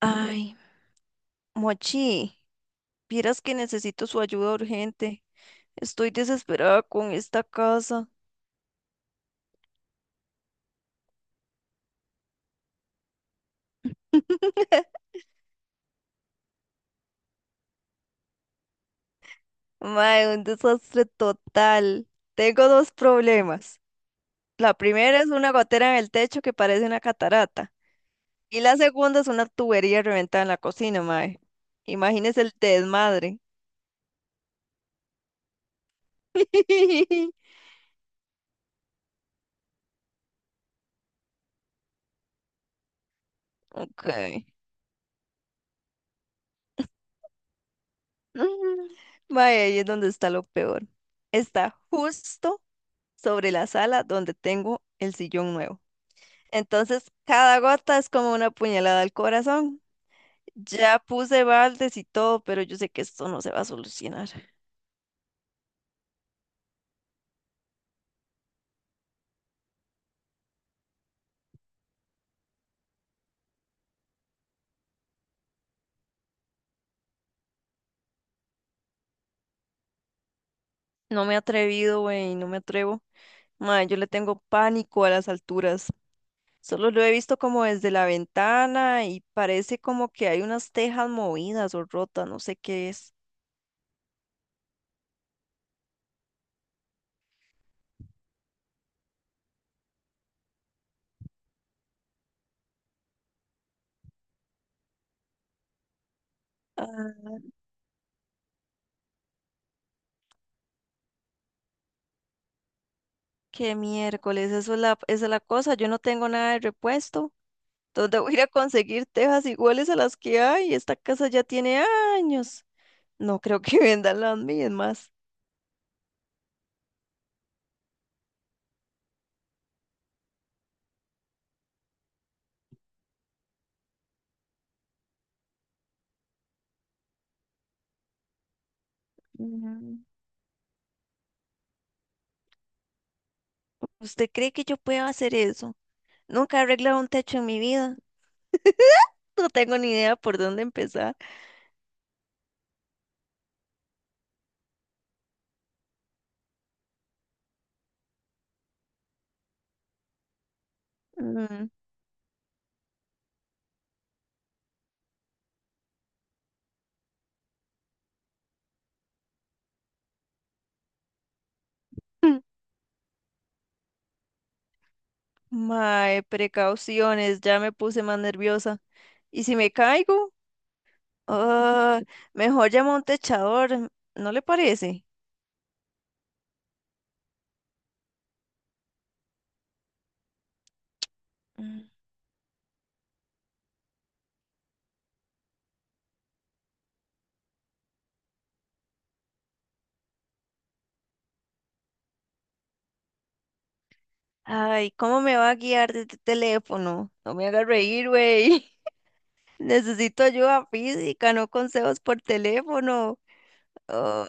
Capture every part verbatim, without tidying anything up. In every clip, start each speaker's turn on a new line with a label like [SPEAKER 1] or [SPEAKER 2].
[SPEAKER 1] Ay, Mochi, vieras que necesito su ayuda urgente. Estoy desesperada con esta casa. Mae, un desastre total. Tengo dos problemas. La primera es una gotera en el techo que parece una catarata. Y la segunda es una tubería reventada en la cocina, mae. Imagínese el desmadre. Ok. Mm. Mae, ahí es donde está lo peor. Está justo sobre la sala donde tengo el sillón nuevo. Entonces, cada gota es como una puñalada al corazón. Ya puse baldes y todo, pero yo sé que esto no se va a solucionar. No me he atrevido, güey, no me atrevo. Mae, yo le tengo pánico a las alturas. Solo lo he visto como desde la ventana y parece como que hay unas tejas movidas o rotas, no sé qué es. Ah, qué miércoles, eso es la, esa es la cosa. Yo no tengo nada de repuesto. ¿Dónde voy a ir a conseguir tejas iguales a las que hay? Esta casa ya tiene años. No creo que vendan las mismas. Mm, ¿usted cree que yo pueda hacer eso? Nunca he arreglado un techo en mi vida. No tengo ni idea por dónde empezar. Mm. Mae, precauciones, ya me puse más nerviosa. ¿Y si me caigo? Ah, mejor llamo a un techador, ¿no le parece? Mm. Ay, ¿cómo me va a guiar desde el teléfono? No me haga reír, güey. Necesito ayuda física, no consejos por teléfono. Oh,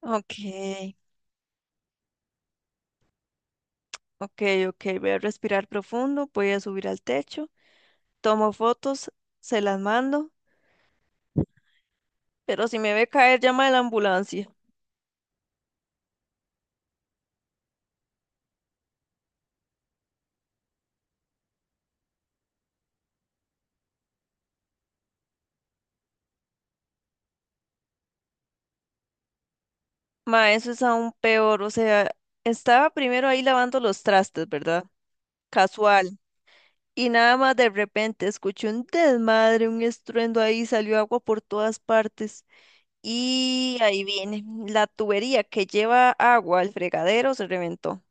[SPEAKER 1] ok, ok, ok. Voy a respirar profundo, voy a subir al techo, tomo fotos, se las mando, pero si me ve caer, llama a la ambulancia. Ma, eso es aún peor. O sea, estaba primero ahí lavando los trastes, ¿verdad? Casual. Y nada más de repente escuché un desmadre, un estruendo ahí, salió agua por todas partes. Y ahí viene, la tubería que lleva agua al fregadero se reventó.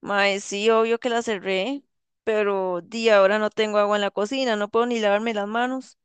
[SPEAKER 1] Mae, sí, obvio que la cerré, pero di, ahora no tengo agua en la cocina, no puedo ni lavarme las manos.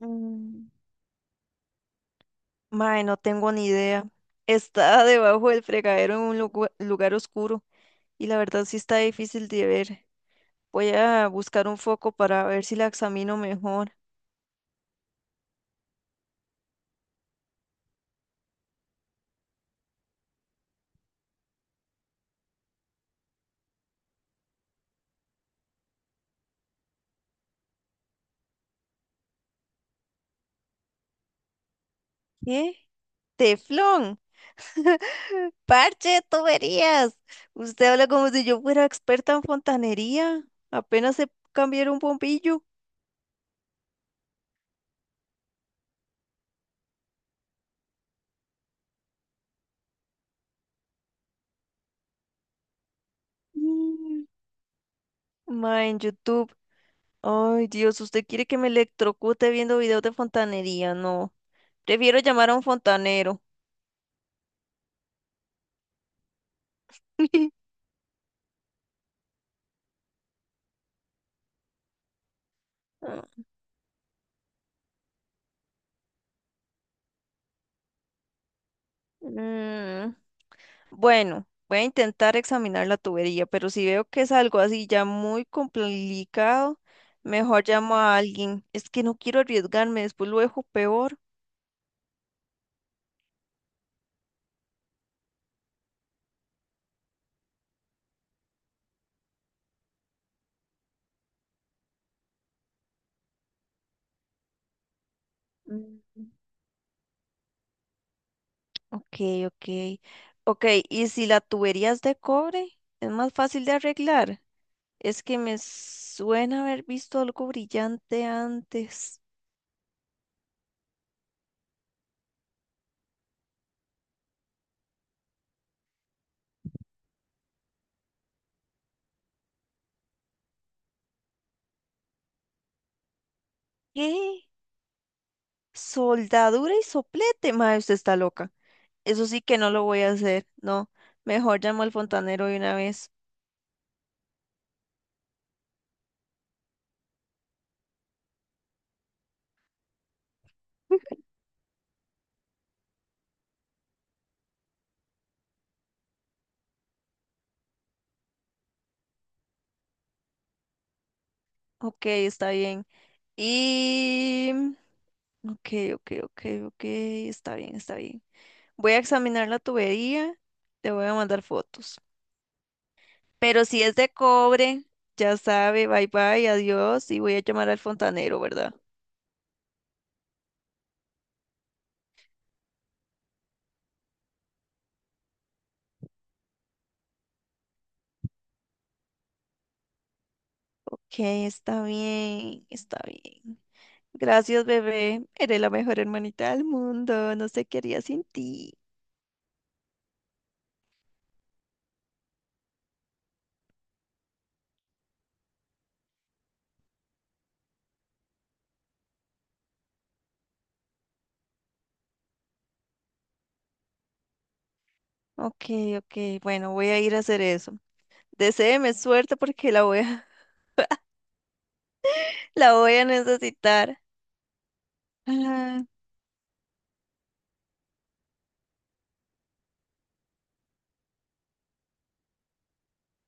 [SPEAKER 1] Mm, Mae, no tengo ni idea. Está debajo del fregadero en un lugu- lugar oscuro y la verdad sí está difícil de ver. Voy a buscar un foco para ver si la examino mejor. ¿Qué? ¡Teflón! Parche, tuberías. Usted habla como si yo fuera experta en fontanería. Apenas se cambiar un bombillo. Mm, ma, en YouTube. Ay, Dios, usted quiere que me electrocute viendo videos de fontanería. No, prefiero llamar a un fontanero. Ah, mm, bueno, voy a intentar examinar la tubería, pero si veo que es algo así ya muy complicado, mejor llamo a alguien. Es que no quiero arriesgarme, después lo dejo peor. Mm. Ok, ok. Ok, ¿y si la tubería es de cobre? ¿Es más fácil de arreglar? Es que me suena haber visto algo brillante antes. ¿Qué? Soldadura y soplete, madre, usted está loca. Eso sí que no lo voy a hacer, no. Mejor llamo al fontanero de una vez. Ok, está bien. Y... ok, ok, ok, ok, está bien, está bien. Voy a examinar la tubería, te voy a mandar fotos. Pero si es de cobre, ya sabe, bye bye, adiós y voy a llamar al fontanero, ¿verdad? Ok, está bien, está bien. Gracias, bebé. Eres la mejor hermanita del mundo. No sé qué haría sin ti. Ok, ok, bueno, voy a ir a hacer eso. Deséeme suerte porque la voy a, la voy a necesitar. Ah,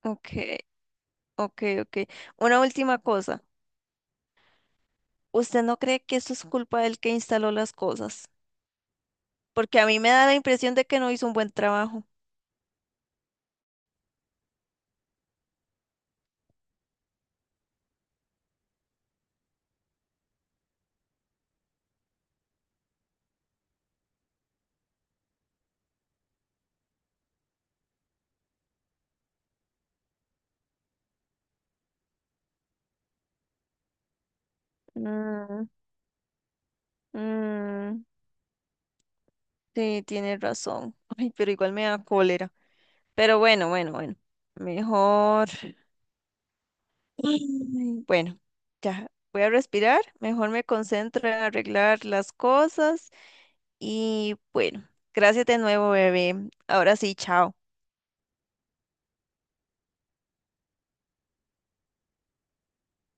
[SPEAKER 1] ok, ok, ok. Una última cosa. ¿Usted no cree que esto es culpa del que instaló las cosas? Porque a mí me da la impresión de que no hizo un buen trabajo. Mm, mm, sí, tiene razón. Ay, pero igual me da cólera. Pero bueno, bueno, bueno. Mejor. Ay, bueno, ya voy a respirar, mejor me concentro en arreglar las cosas y bueno, gracias de nuevo, bebé. Ahora sí, chao.